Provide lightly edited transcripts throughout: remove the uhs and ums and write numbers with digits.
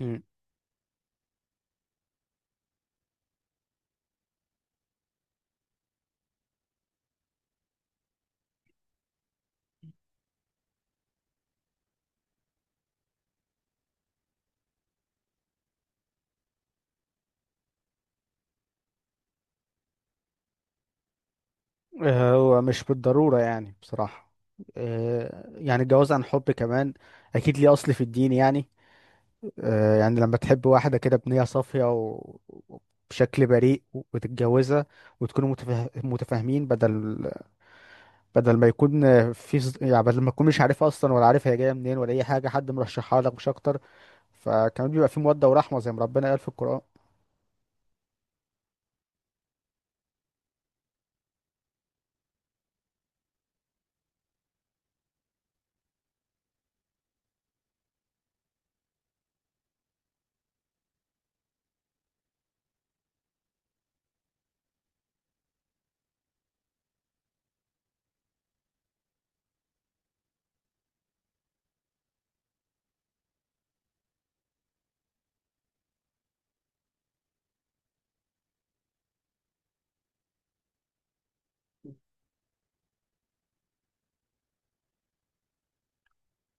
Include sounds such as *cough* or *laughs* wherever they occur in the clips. مم. آه، هو مش بالضرورة يعني بصراحة. آه، يعني الجواز عن حب كمان أكيد ليه أصل في الدين يعني. آه، يعني لما تحب واحدة كده بنية صافية وبشكل بريء وتتجوزها وتكونوا متفاهمين، بدل ما يكون في ص- يعني بدل ما تكون مش عارفها أصلا ولا عارف هي جاية منين ولا أي حاجة، حد مرشحها لك مش أكتر. فكمان بيبقى في مودة ورحمة زي ما ربنا قال في القرآن.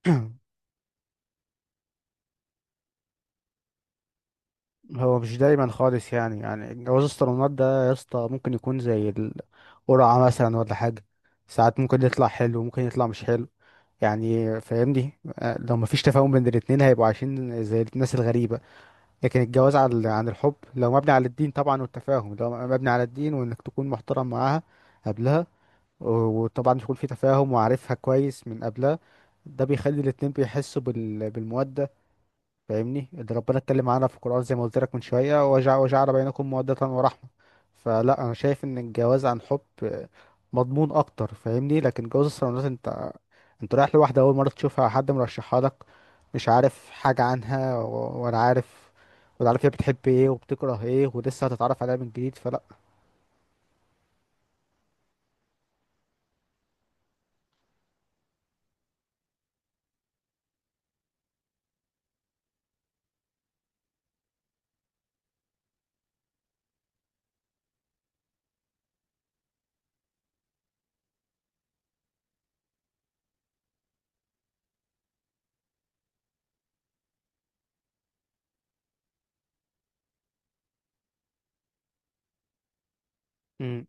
*clears throat* هو مش دايما خالص، يعني جواز الصالونات ده يا اسطى ممكن يكون زي القرعة مثلا ولا حاجة. ساعات ممكن يطلع حلو، ممكن يطلع مش حلو، يعني فاهمني. آه، لو مفيش تفاهم بين الاتنين هيبقوا عايشين زي الناس الغريبة. لكن الجواز عن الحب، لو مبني على الدين طبعا، والتفاهم لو مبني على الدين، وانك تكون محترم معاها قبلها، و- وطبعا يكون في تفاهم وعارفها كويس من قبلها، ده بيخلي الاتنين بيحسوا بالمودة، فاهمني. ده ربنا اتكلم عنها في القرآن زي ما قلت لك من شوية، وجع وجعل بينكم مودة ورحمة. فلا، أنا شايف إن الجواز عن حب مضمون أكتر، فاهمني. لكن جواز الصالونات أنت رايح لواحدة أول مرة تشوفها، حد مرشحها لك، مش عارف حاجة عنها ولا عارف هي بتحب إيه وبتكره إيه، ولسه هتتعرف عليها من جديد، فلا. امم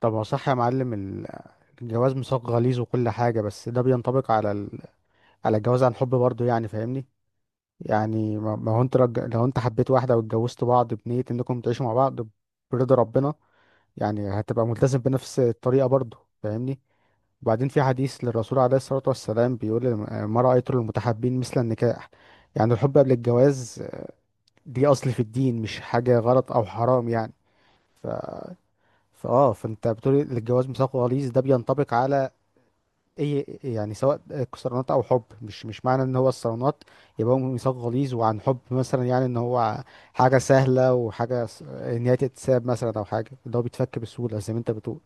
طب ما صح يا معلم. الجواز ميثاق غليظ وكل حاجة، بس ده بينطبق على على الجواز عن حب برضه، يعني فاهمني. يعني ما هو انت لو انت حبيت واحدة واتجوزتوا بعض بنية انكم تعيشوا مع بعض برضا ربنا، يعني هتبقى ملتزم بنفس الطريقة برضه، فاهمني. وبعدين في حديث للرسول عليه الصلاة والسلام بيقول، ما رأيت المتحابين مثل النكاح. يعني الحب قبل الجواز دي أصل في الدين، مش حاجة غلط أو حرام يعني. ف... فاه فانت بتقول الجواز ميثاق غليظ، ده بينطبق على ايه يعني، سواء كسرانات او حب. مش معنى ان هو الصالونات يبقى هو ميثاق غليظ، وعن حب مثلا يعني ان هو حاجه سهله، ان هي تتساب مثلا او حاجه اللي هو بيتفك بسهوله زي ما انت بتقول.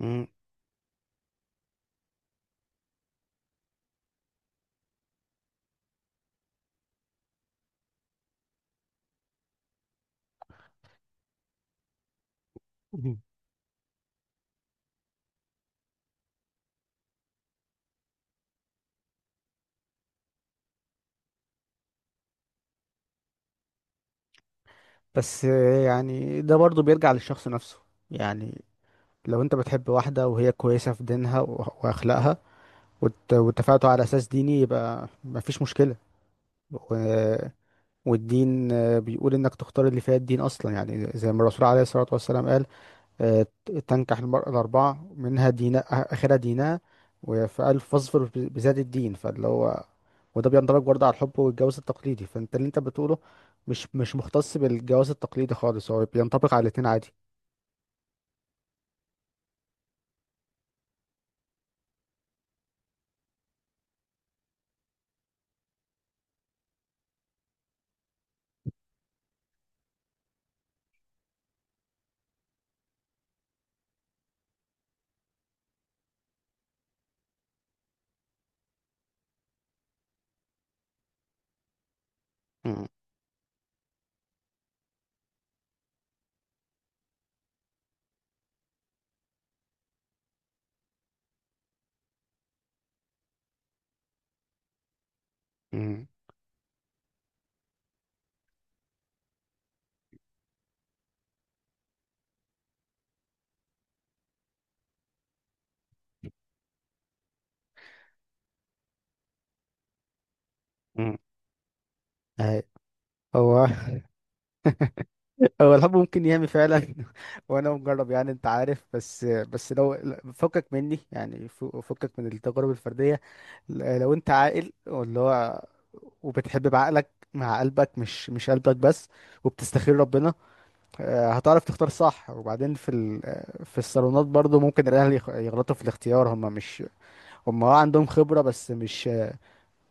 مم. مم. بس يعني ده برضو بيرجع للشخص نفسه. يعني لو انت بتحب واحده وهي كويسه في دينها واخلاقها، واتفقتوا على اساس ديني، يبقى مفيش مشكله. و... والدين بيقول انك تختار اللي فيها الدين اصلا، يعني زي ما الرسول عليه الصلاه والسلام قال، آه، تنكح المرأة الأربعة منها دينا، آخرها دينها، وفي ألف فاظفر بذات الدين. فاللي هو، وده بيندرج برضه على الحب والجواز التقليدي. فأنت اللي أنت بتقوله مش مختص بالجواز التقليدي خالص، هو بينطبق على الاتنين عادي. م- م- م. أهي. هو *laughs* هو الحب ممكن يهمي فعلا *laughs* وانا مجرب، يعني انت عارف. بس لو لا، فكك مني، يعني فكك من التجارب الفردية. لو انت عاقل واللي هو، وبتحب بعقلك مع قلبك، مش قلبك بس، وبتستخير ربنا، آه، هتعرف تختار صح. وبعدين في ال... آه، في الصالونات برضو ممكن الاهل يغلطوا في الاختيار. هم مش هم اه عندهم خبرة، بس مش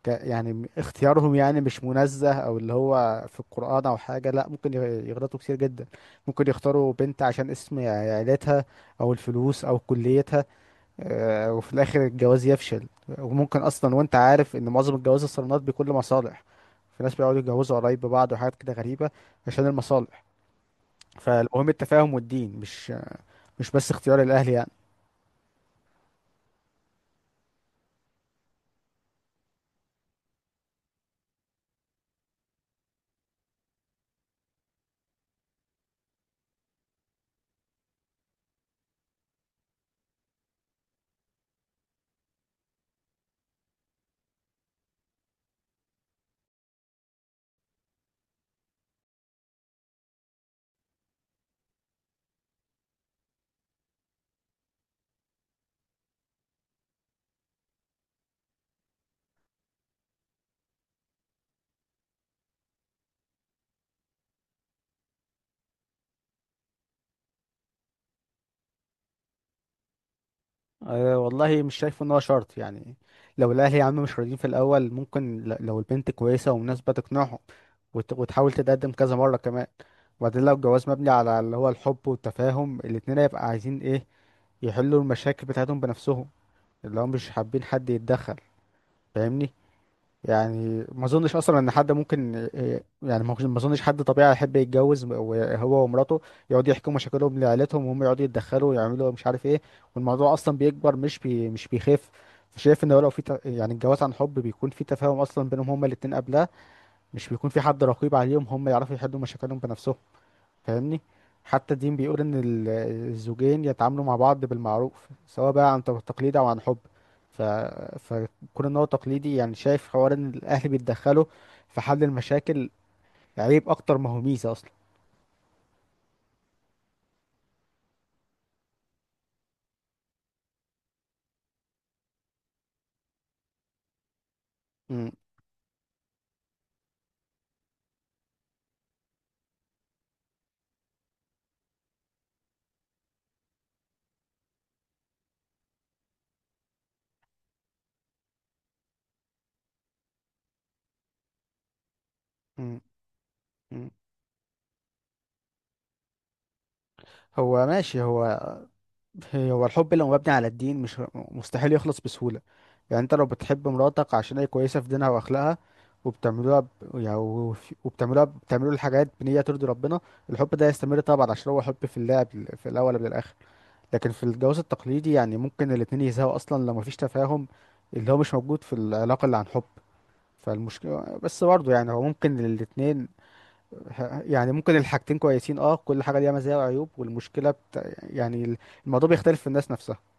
يعني اختيارهم يعني مش منزه، او اللي هو في القرآن او حاجة، لا ممكن يغلطوا كتير جدا. ممكن يختاروا بنت عشان اسم عيلتها، او الفلوس، او كليتها. آه، وفي الاخر الجواز يفشل. وممكن اصلا، وانت عارف ان معظم الجواز الصالونات بكل مصالح، في ناس بيقعدوا يتجوزوا قريب ببعض وحاجات كده غريبة عشان المصالح. فالمهم التفاهم والدين، مش بس اختيار الاهل، يعني. أه والله، مش شايف ان هو شرط يعني. لو الاهل يا عم مش راضيين في الاول، ممكن لو البنت كويسه ومناسبه تقنعهم، وتحاول تتقدم كذا مره كمان. وبعدين لو الجواز مبني على اللي هو الحب والتفاهم، الاتنين هيبقى عايزين ايه، يحلوا المشاكل بتاعتهم بنفسهم، اللي هم مش حابين حد يتدخل، فاهمني. يعني ما اظنش اصلا ان حد ممكن إيه، يعني ما ما اظنش حد طبيعي يحب يتجوز، وهو ومراته يقعدوا يحكوا مشاكلهم لعيلتهم، وهم يقعدوا يتدخلوا ويعملوا مش عارف ايه، والموضوع اصلا بيكبر مش بيخف. شايف ان هو لو في الجواز عن حب بيكون في تفاهم اصلا بينهم هما الاتنين قبلها، مش بيكون في حد رقيب عليهم، هما يعرفوا يحلوا مشاكلهم بنفسهم، فاهمني. حتى الدين بيقول ان الزوجين يتعاملوا مع بعض بالمعروف، سواء بقى عن تقليد او عن حب. ف... فكون ان هو تقليدي، يعني شايف حوار ان الاهل بيتدخلوا في حل المشاكل عيب اكتر ما هو ميزة اصلا. م- م- م. هو ماشي. هو هو الحب لو مبني على الدين مش مستحيل يخلص بسهولة. يعني انت لو بتحب مراتك عشان هي كويسة في دينها واخلاقها، وبتعملوها ب... يعني وف- وبتعملوها بتعملوا الحاجات بنية ترضي ربنا، الحب ده يستمر طبعا عشان هو حب في الله، في الاول قبل الاخر. لكن في الجواز التقليدي يعني ممكن الاتنين يزهقوا اصلا لو مفيش تفاهم، اللي هو مش موجود في العلاقة اللي عن حب. فالمشكلة بس برضه، يعني هو ممكن الاتنين ممكن الحاجتين كويسين، اه كل حاجة ليها مزايا وعيوب، والمشكلة يعني الموضوع بيختلف في الناس نفسها.